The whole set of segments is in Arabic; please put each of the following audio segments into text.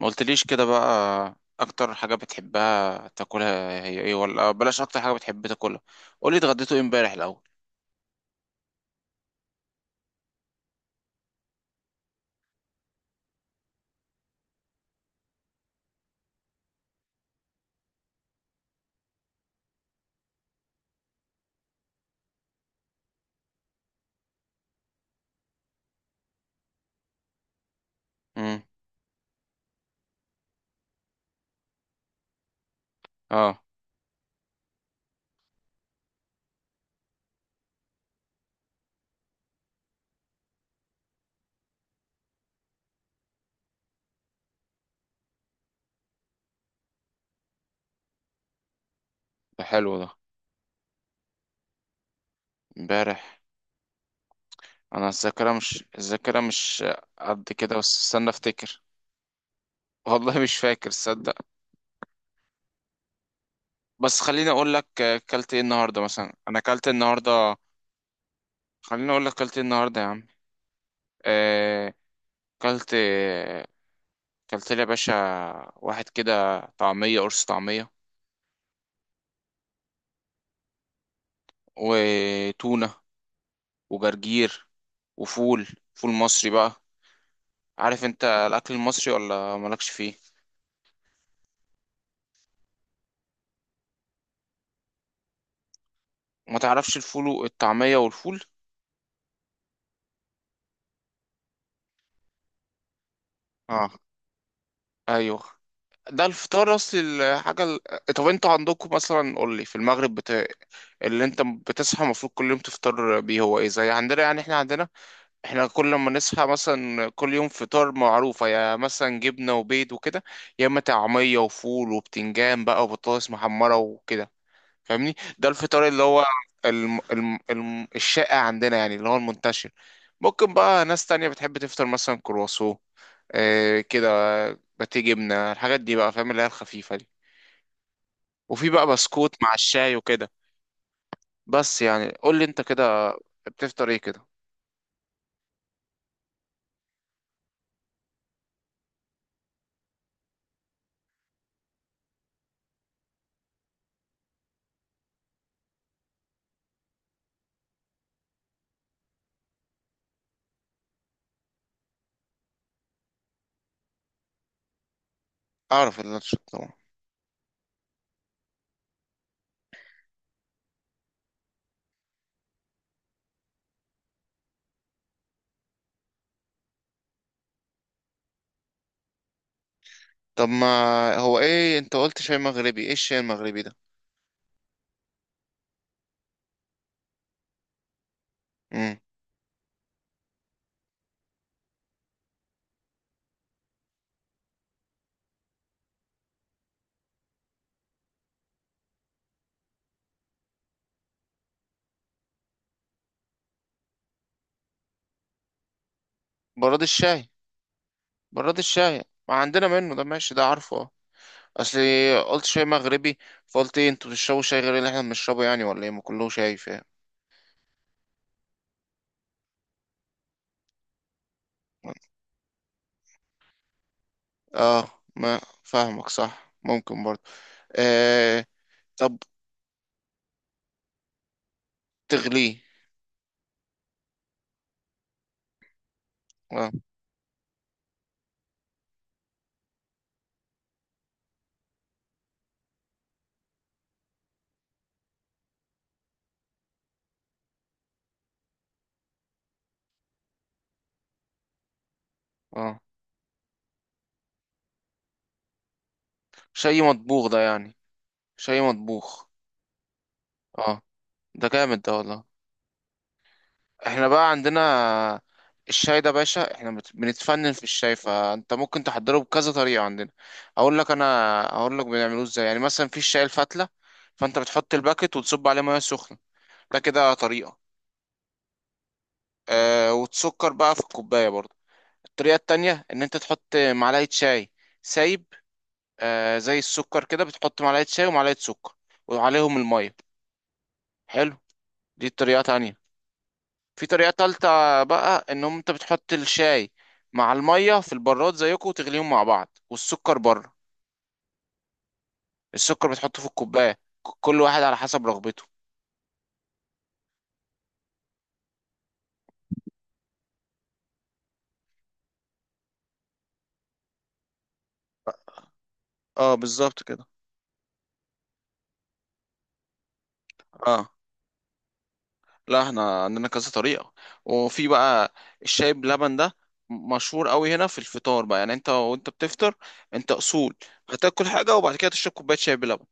ما قلتليش كده بقى، اكتر حاجة بتحبها تاكلها هي ايه؟ ولا بلاش، اكتر حاجة بتحب تاكلها. قولي اتغديتوا ايه امبارح الاول. امم اه. ده حلو ده. امبارح، انا الذاكرة مش قد كده، بس استنى افتكر. والله مش فاكر صدق. بس خليني اقول لك اكلت ايه النهارده. مثلا انا اكلت النهارده، خليني اقول لك اكلت ايه النهارده يا عم. آه، اكلت، اكلت لي يا باشا واحد كده طعمية، قرص طعمية، وتونة، وجرجير، وفول، فول مصري بقى. عارف انت الاكل المصري ولا مالكش فيه؟ ما تعرفش الفول والطعمية والفول؟ اه، ايوه، ده الفطار اصلي. الحاجة ال... طب انت عندكم مثلا، قول لي في المغرب، بت... اللي انت بتصحى المفروض كل يوم تفطر بيه هو ايه؟ زي عندنا يعني، احنا عندنا، احنا كل ما نصحى مثلا كل يوم، فطار معروفة، يا مثلا جبنة وبيض وكده، يا اما طعمية وفول وبتنجان بقى وبطاطس محمرة وكده، فاهمني؟ ده الفطار اللي هو الشائع عندنا، يعني اللي هو المنتشر. ممكن بقى ناس تانية بتحب تفطر مثلا كرواسون، آه كده، باتيه، جبنة، الحاجات دي بقى، فاهم؟ اللي هي الخفيفة دي. وفي بقى بسكوت مع الشاي وكده. بس يعني قول لي انت كده بتفطر ايه كده؟ اعرف اللانش طبعا. طب ما هو ايه، انت قلت شاي مغربي، ايه الشاي المغربي ده؟ امم. براد الشاي، براد الشاي ما عندنا منه ده، ماشي، ده عارفه اه. اصل قلت شاي مغربي، فقلت إيه انتوا بتشربوا شاي غير اللي احنا بنشربه يعني؟ ولا ايه؟ ما كله شاي، فاهم؟ اه، ما فاهمك صح، ممكن برضه. آه. طب تغليه. اه. اه، شاي مطبوخ ده يعني. شاي مطبوخ. اه. ده جامد ده والله. احنا بقى عندنا الشاي ده باشا، احنا بنتفنن في الشاي، فانت ممكن تحضره بكذا طريقة عندنا. اقول لك انا، اقول لك بنعملوه ازاي، يعني مثلا في الشاي الفتلة، فانت بتحط الباكت وتصب عليه ميه سخنة، ده كده طريقة. آه، وتسكر بقى في الكوباية برضو. الطريقة التانية ان انت تحط معلقة شاي سايب، آه زي السكر كده، بتحط معلقة شاي ومعلقة سكر وعليهم المية، حلو، دي طريقة تانية. في طريقة تالتة بقى، ان انت بتحط الشاي مع المية في البراد زيكم وتغليهم مع بعض، والسكر بره، السكر بتحطه في الكوباية، كل واحد على حسب رغبته. اه بالظبط كده. اه، لا احنا عندنا كذا طريقة. وفي بقى الشاي بلبن ده مشهور قوي هنا في الفطار بقى، يعني انت وانت بتفطر انت اصول، هتاكل حاجة وبعد كده تشرب كوباية شاي بلبن.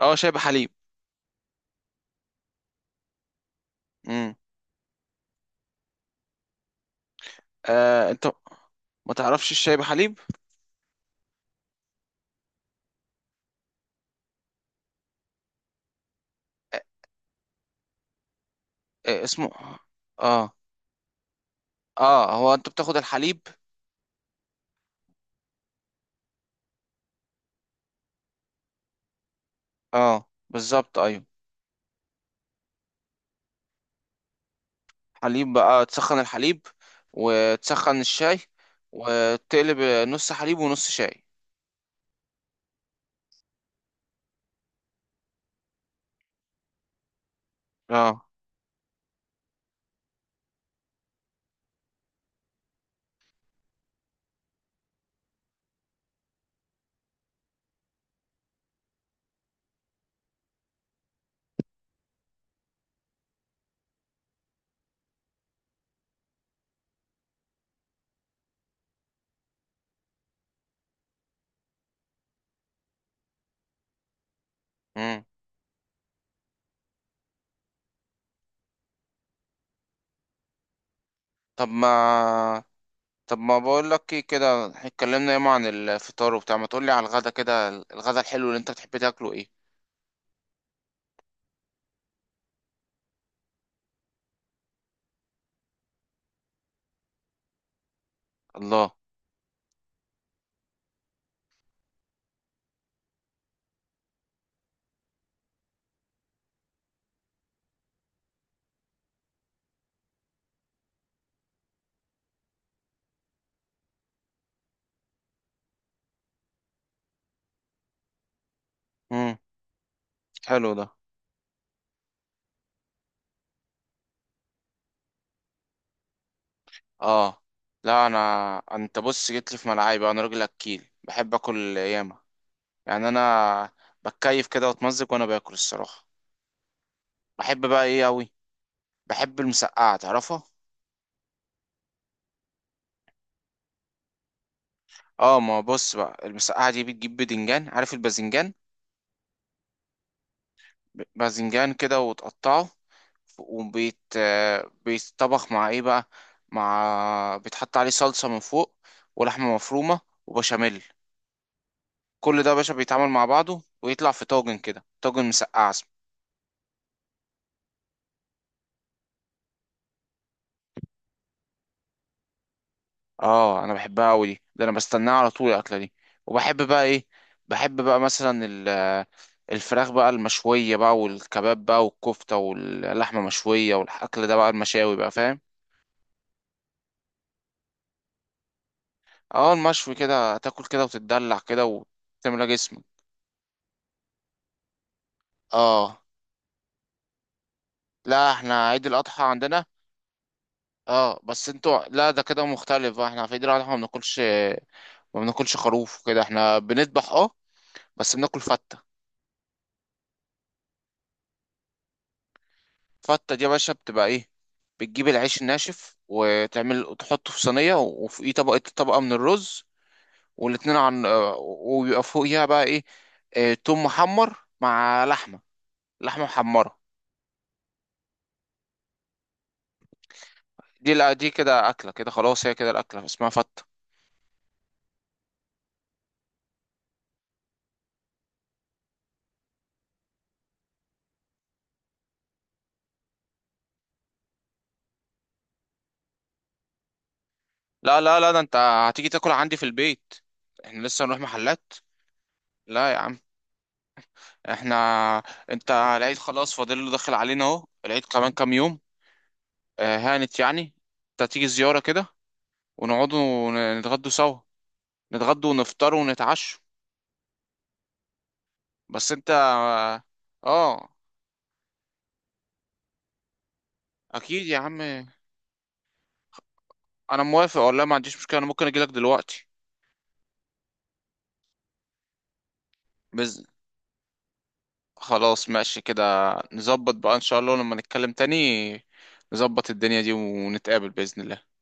اه، شاي بحليب. امم. آه انت ما تعرفش الشاي بحليب؟ آه، آه، اسمه اه. اه هو انت بتاخد الحليب. اه بالظبط، ايوه. حليب بقى، تسخن الحليب وتسخن الشاي وتقلب، نص حليب ونص شاي. اه. امم. طب ما طب ما بقول لك ايه كده، إحنا اتكلمنا ياما عن الفطار وبتاع، ما تقول لي على الغدا كده، الغدا الحلو اللي انت بتحب تاكله ايه؟ الله. امم، حلو ده. اه لا انا، انت بص جيت لي في ملعبي بقى، انا راجل اكيل، بحب اكل ياما، يعني انا بتكيف كده واتمزج وانا باكل الصراحه. بحب بقى ايه اوي، بحب المسقعه، تعرفها؟ اه ما بص بقى، المسقعه دي بتجيب بدنجان، عارف الباذنجان؟ باذنجان كده وتقطعه، وبيت آه، بيتطبخ مع ايه بقى، مع بيتحط عليه صلصة من فوق، ولحمة مفرومة، وبشاميل، كل ده يا باشا بيتعمل مع بعضه ويطلع في طاجن كده، طاجن مسقعة اسمه. اه انا بحبها قوي دي، ده انا بستناها على طول الاكلة دي. وبحب بقى ايه، بحب بقى مثلا الفراخ بقى المشوية بقى، والكباب بقى، والكفتة، واللحمة مشوية، والأكل ده بقى، المشاوي بقى، فاهم؟ اه المشوي كده تاكل كده وتتدلع كده وتملى جسمك. اه لا احنا عيد الاضحى عندنا، اه بس انتوا لا، ده كده مختلف بقى، احنا في عيد الاضحى ما بناكلش، ما بناكلش خروف وكده، احنا بنذبح اه، بس بناكل فته. فته دي يا باشا بتبقى ايه، بتجيب العيش الناشف وتعمل وتحطه في صينيه، وفوقيه طبقه طبقه من الرز، والاتنين عن آه، وبيبقى فوقيها بقى ايه، آه، توم محمر مع لحمه، لحمه محمره. دي لا دي كده اكله كده خلاص، هي كده الاكله، اسمها فته. لا ده انت هتيجي تاكل عندي في البيت، احنا لسه هنروح محلات. لا يا عم، احنا انت العيد خلاص فاضل له، داخل علينا اهو العيد كمان كام يوم، هانت يعني، انت تيجي زياره كده، ونقعد ونتغدوا سوا، نتغدوا ونفطر ونتعشوا. بس انت اه، اكيد يا عم، انا موافق والله، ما عنديش مشكله، انا ممكن اجيلك دلوقتي. بس خلاص ماشي كده، نظبط بقى ان شاء الله لما نتكلم تاني، نظبط الدنيا دي ونتقابل بإذن الله.